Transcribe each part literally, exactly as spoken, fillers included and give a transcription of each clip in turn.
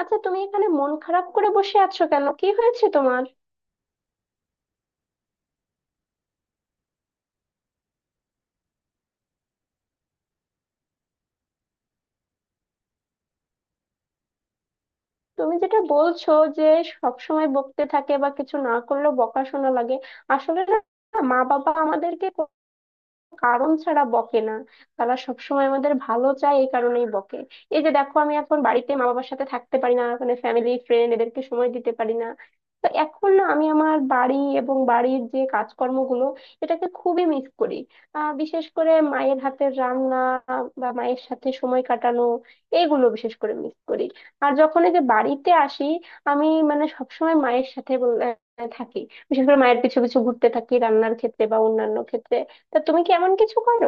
আচ্ছা, তুমি এখানে মন খারাপ করে বসে আছো কেন? কি হয়েছে তোমার? তুমি যেটা বলছো যে সব সময় বকতে থাকে বা কিছু না করলেও বকাশোনা লাগে, আসলে না, মা বাবা আমাদেরকে কারণ ছাড়া বকে না। তারা সবসময় আমাদের ভালো চায়, এই কারণেই বকে। এই যে দেখো, আমি এখন বাড়িতে মা বাবার সাথে থাকতে পারি না, মানে ফ্যামিলি ফ্রেন্ড এদেরকে সময় দিতে পারি না। তো এখন না, আমি আমার বাড়ি এবং বাড়ির যে কাজকর্মগুলো, এটাকে খুবই মিস করি। আহ বিশেষ করে মায়ের হাতের রান্না বা মায়ের সাথে সময় কাটানো, এইগুলো বিশেষ করে মিস করি। আর যখন এই যে বাড়িতে আসি, আমি মানে সবসময় মায়ের সাথে বল- আহ, থাকি। বিশেষ করে মায়ের পিছু পিছু ঘুরতে থাকি রান্নার ক্ষেত্রে বা অন্যান্য ক্ষেত্রে। তা তুমি কি এমন কিছু করো?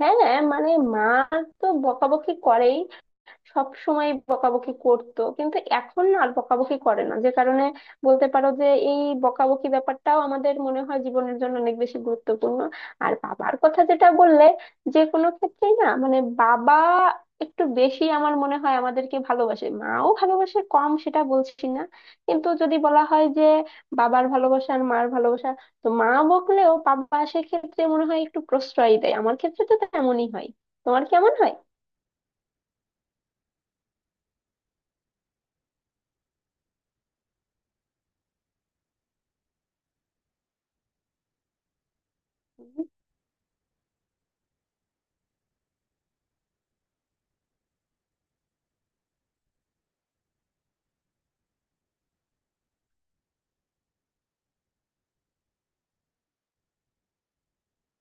হ্যাঁ, মানে মা তো বকাবকি করেই, সব সময় বকাবকি করতো, কিন্তু এখন না আর বকাবকি করে না। যে কারণে বলতে পারো যে এই বকাবকি ব্যাপারটাও আমাদের মনে হয় জীবনের জন্য অনেক বেশি গুরুত্বপূর্ণ। আর বাবার কথা যেটা বললে, যে কোনো ক্ষেত্রেই না, মানে বাবা একটু বেশি আমার মনে হয় আমাদেরকে ভালোবাসে, মাও ভালোবাসে, কম সেটা বলছি না। কিন্তু যদি বলা হয় যে বাবার ভালোবাসা আর মার ভালোবাসা, তো মা বকলেও বাবা সেক্ষেত্রে মনে হয় একটু প্রশ্রয় দেয়। আমার ক্ষেত্রে তো তেমনই হয়। তোমার কেমন হয়?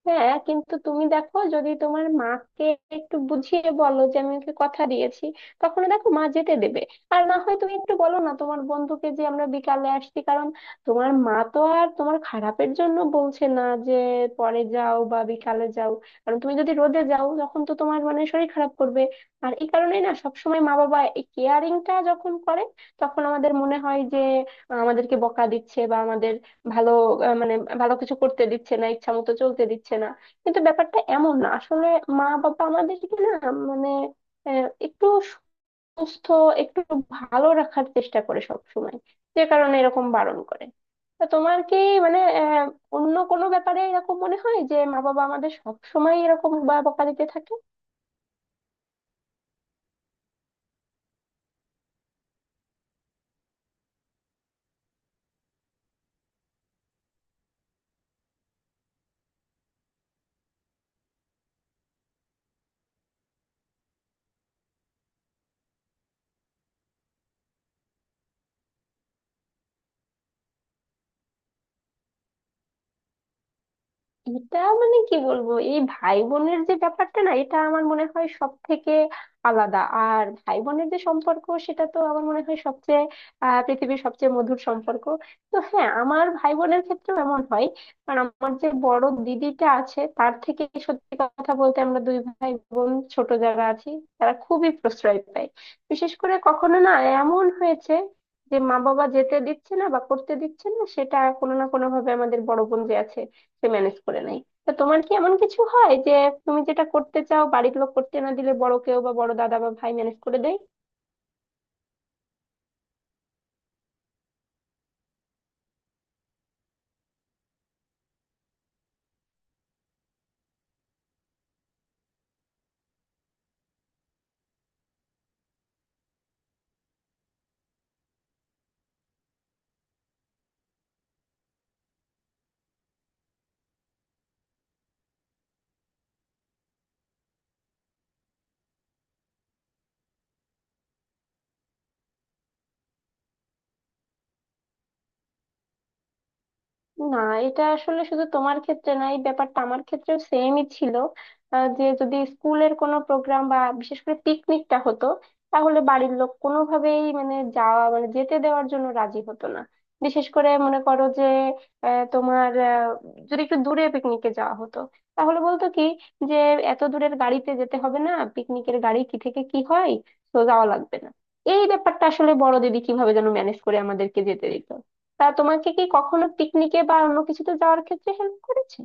হ্যাঁ, কিন্তু তুমি দেখো, যদি তোমার মাকে একটু বুঝিয়ে বলো যে আমি ওকে কথা দিয়েছি, তখন দেখো মা যেতে দেবে। আর না হয় তুমি একটু বলো না তোমার বন্ধুকে যে আমরা বিকালে আসছি, কারণ তোমার মা তো আর তোমার খারাপের জন্য বলছে না যে পরে যাও বা বিকালে যাও। কারণ তুমি যদি রোদে যাও, তখন তো তোমার মানে শরীর খারাপ করবে। আর এই কারণেই না সবসময় মা বাবা এই কেয়ারিংটা যখন করে, তখন আমাদের মনে হয় যে আহ, আমাদেরকে বকা দিচ্ছে বা আমাদের ভালো, আহ, মানে ভালো কিছু করতে দিচ্ছে না, ইচ্ছা মতো চলতে দিচ্ছে না। কিন্তু ব্যাপারটা এমন না আসলে, মা বাবা আমাদেরকে না, মানে আহ, একটু সুস্থ, একটু ভালো রাখার চেষ্টা করে সব সময়, যে কারণে এরকম বারণ করে। তা তোমার কি, মানে আহ, অন্য কোনো ব্যাপারে এরকম মনে হয় যে মা বাবা আমাদের সব সময় এরকম বকা দিতে থাকে? এটা মানে কি বলবো, এই ভাই বোনের যে ব্যাপারটা না, এটা আমার মনে হয় সব থেকে আলাদা। আর ভাই বোনের যে সম্পর্ক, সেটা তো আমার মনে হয় সবচেয়ে আহ পৃথিবীর সবচেয়ে মধুর সম্পর্ক। তো হ্যাঁ, আমার ভাই বোনের ক্ষেত্রেও এমন হয়। কারণ আমার যে বড় দিদিটা আছে তার থেকে, সত্যি কথা বলতে, আমরা দুই ভাই বোন ছোট যারা আছি, তারা খুবই প্রশ্রয় পায়। বিশেষ করে কখনো না এমন হয়েছে যে মা বাবা যেতে দিচ্ছে না বা করতে দিচ্ছে না, সেটা কোনো না কোনো ভাবে আমাদের বড় বোন যে আছে, সে ম্যানেজ করে নেয়। তা তোমার কি এমন কিছু হয় যে তুমি যেটা করতে চাও, বাড়ির লোক করতে না দিলে বড় কেউ বা বড় দাদা বা ভাই ম্যানেজ করে দেয়? না, এটা আসলে শুধু তোমার ক্ষেত্রে না, এই ব্যাপারটা আমার ক্ষেত্রেও সেমই ছিল। আহ, যে যদি স্কুলের কোনো প্রোগ্রাম বা বিশেষ করে পিকনিকটা হতো, তাহলে বাড়ির লোক কোনোভাবেই মানে যাওয়া মানে যেতে দেওয়ার জন্য রাজি হতো না। বিশেষ করে মনে করো যে আহ, তোমার আহ, যদি একটু দূরে পিকনিকে যাওয়া হতো, তাহলে বলতো কি যে এত দূরের গাড়িতে যেতে হবে না, পিকনিকের গাড়ি কি থেকে কি হয়, তো যাওয়া লাগবে না। এই ব্যাপারটা আসলে বড় দিদি কিভাবে যেন ম্যানেজ করে আমাদেরকে যেতে দিত। তা তোমাকে কি কখনো পিকনিকে বা অন্য কিছুতে যাওয়ার ক্ষেত্রে হেল্প করেছে?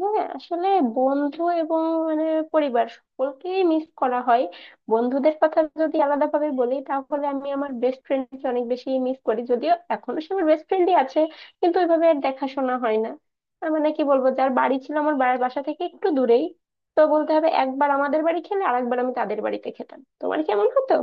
হ্যাঁ, আসলে বন্ধু এবং মানে পরিবার সকলকেই মিস করা হয়। বন্ধুদের কথা যদি আলাদা ভাবে বলি, তাহলে আমি আমার বেস্ট ফ্রেন্ডকে অনেক বেশি মিস করি, যদিও এখনো সে আমার বেস্ট ফ্রেন্ডই আছে, কিন্তু ওইভাবে আর দেখাশোনা হয় না। আহ, মানে কি বলবো, যার বাড়ি ছিল আমার বাড়ির বাসা থেকে একটু দূরেই। তো বলতে হবে, একবার আমাদের বাড়ি খেলে আরেকবার আমি তাদের বাড়িতে খেতাম। তোমার কেমন হতো?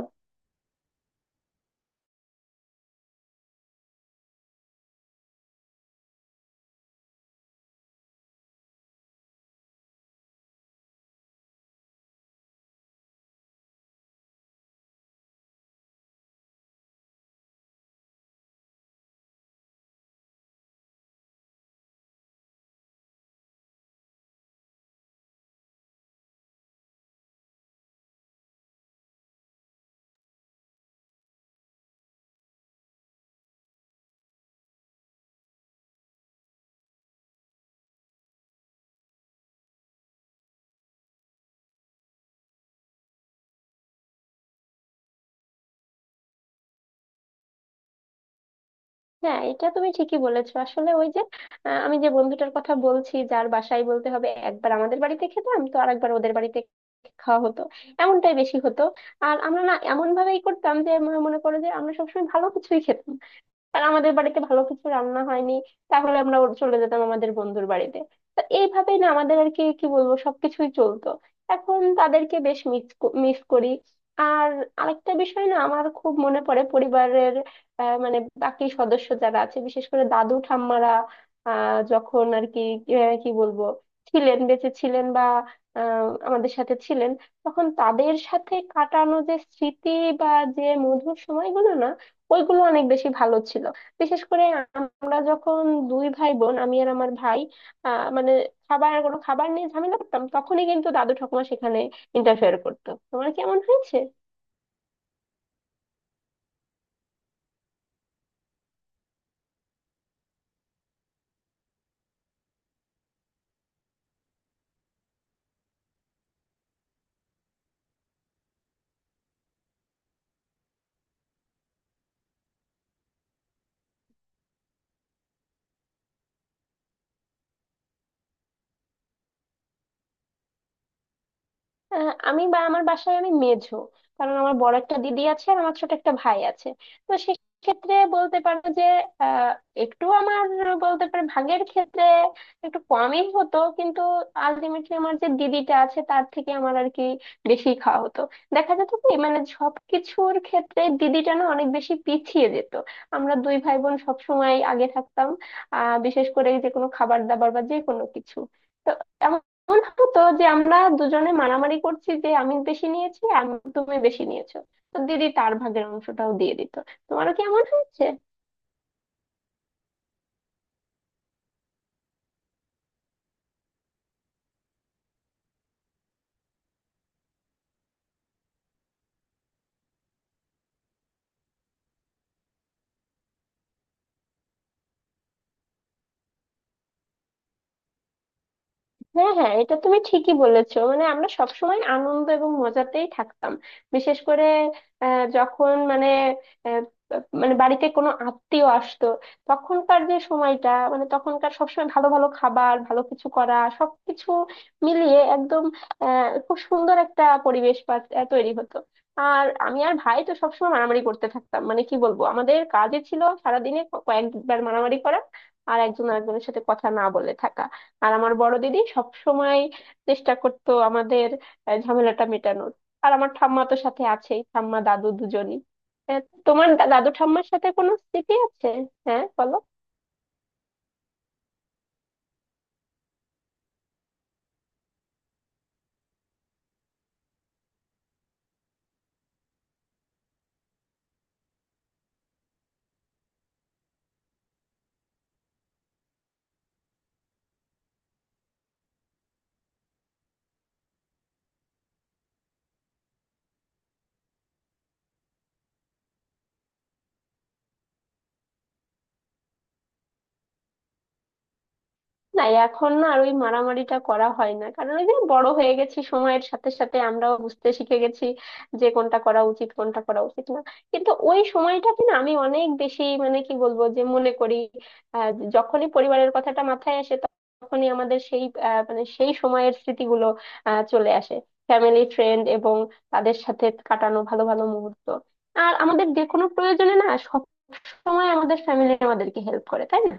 হ্যাঁ, এটা তুমি ঠিকই বলেছো। আসলে ওই যে আহ, আমি যে বন্ধুটার কথা বলছি, যার বাসায় বলতে হবে একবার আমাদের বাড়িতে খেতাম তো আরেকবার ওদের বাড়িতে খাওয়া হতো, এমনটাই বেশি হতো। আর আমরা না এমন ভাবেই করতাম যে ম- মনে করো যে আমরা সবসময় ভালো কিছুই খেতাম। আর আমাদের বাড়িতে ভালো কিছু রান্না হয়নি, তাহলে আমরা ওর চলে যেতাম আমাদের বন্ধুর বাড়িতে। তো এইভাবেই না আমাদের আর কি কি বলবো, সবকিছুই চলতো। এখন তাদেরকে বেশ মিস মিস করি। আর আরেকটা বিষয় না, আমার খুব মনে পড়ে পরিবারের আহ, মানে বাকি সদস্য যারা আছে, বিশেষ করে দাদু ঠাম্মারা। আহ যখন আর কি, আহ, কি বলবো, ছিলেন, বেঁচে ছিলেন বা আহ, আমাদের সাথে ছিলেন, তখন তাদের সাথে কাটানো যে স্মৃতি বা যে মধুর সময়গুলো না, ওইগুলো অনেক বেশি ভালো ছিল। বিশেষ করে আমরা যখন দুই ভাই বোন, আমি আর আমার ভাই, আহ মানে খাবার কোনো খাবার নিয়ে ঝামেলা করতাম, তখনই কিন্তু দাদু ঠাকুমা সেখানে ইন্টারফেয়ার করতো। তোমার কি এমন হয়েছে? আহ, আমি বা আমার বাসায় আমি মেঝো, কারণ আমার বড় একটা দিদি আছে আর আমার ছোট একটা ভাই আছে। তো সেক্ষেত্রে বলতে পারো যে আহ, একটু আমার, বলতে পারে ভাগের ক্ষেত্রে একটু কমই হতো, কিন্তু আলটিমেটলি আমার যে দিদিটা আছে তার থেকে আমার আর কি বেশি খাওয়া হতো। দেখা যেত কি, মানে সব কিছুর ক্ষেত্রে দিদিটা না অনেক বেশি পিছিয়ে যেত, আমরা দুই ভাই বোন সবসময় আগে থাকতাম। আহ বিশেষ করে যে কোনো খাবার দাবার বা যে কোনো কিছু, তো এমন হতো যে আমরা দুজনে মারামারি করছি যে আমি বেশি নিয়েছি আম- তুমি বেশি নিয়েছো, তো দিদি তার ভাগের অংশটাও দিয়ে দিত। তোমারও কি এমন হয়েছে? হ্যাঁ, হ্যাঁ, এটা তুমি ঠিকই বলেছো, মানে আমরা সবসময় আনন্দ এবং মজাতেই থাকতাম। বিশেষ করে আহ, যখন মানে আহ, মানে বাড়িতে কোনো আত্মীয় আসতো, তখনকার যে সময়টা, মানে তখনকার সবসময় ভালো ভালো খাবার, ভালো কিছু করা, সবকিছু মিলিয়ে একদম আহ খুব সুন্দর একটা পরিবেশ পা- আহ, তৈরি হতো। আর আমি আর ভাই তো সবসময় মারামারি করতে থাকতাম, মানে কি বলবো, আমাদের কাজই ছিল সারাদিনে ক- কয়েকবার মারামারি করা আর একজন আরেকজনের সাথে কথা না বলে থাকা। আর আমার বড় দিদি সব সময় চেষ্টা করতো আমাদের আহ, ঝামেলাটা মেটানোর। আর আমার ঠাম্মা তো সাথে আছেই, ঠাম্মা দাদু দুজনই। আহ, তোমার দা- দাদু ঠাম্মার সাথে কোনো স্মৃতি আছে? হ্যাঁ, বলো। না, এখন না আর ওই মারামারিটা করা হয় না, কারণ ওই যে বড় হয়ে গেছি, সময়ের সাথে সাথে আমরাও বুঝতে শিখে গেছি যে কোনটা করা উচিত, কোনটা করা উচিত না। কিন্তু ওই সময়টাকে না আমি অনেক বেশি, মানে কি বলবো, যে মনে করি। আহ, যখনই পরিবারের কথাটা মাথায় আসে, তখনই আমাদের সেই আহ, মানে সেই সময়ের স্মৃতিগুলো আহ, চলে আসে। ফ্যামিলি ফ্রেন্ড এবং তাদের সাথে কাটানো ভালো ভালো মুহূর্ত। আর আমাদের যে কোনো প্রয়োজনে না, সব সময় আমাদের ফ্যামিলি আমাদেরকে হেল্প করে, তাই না?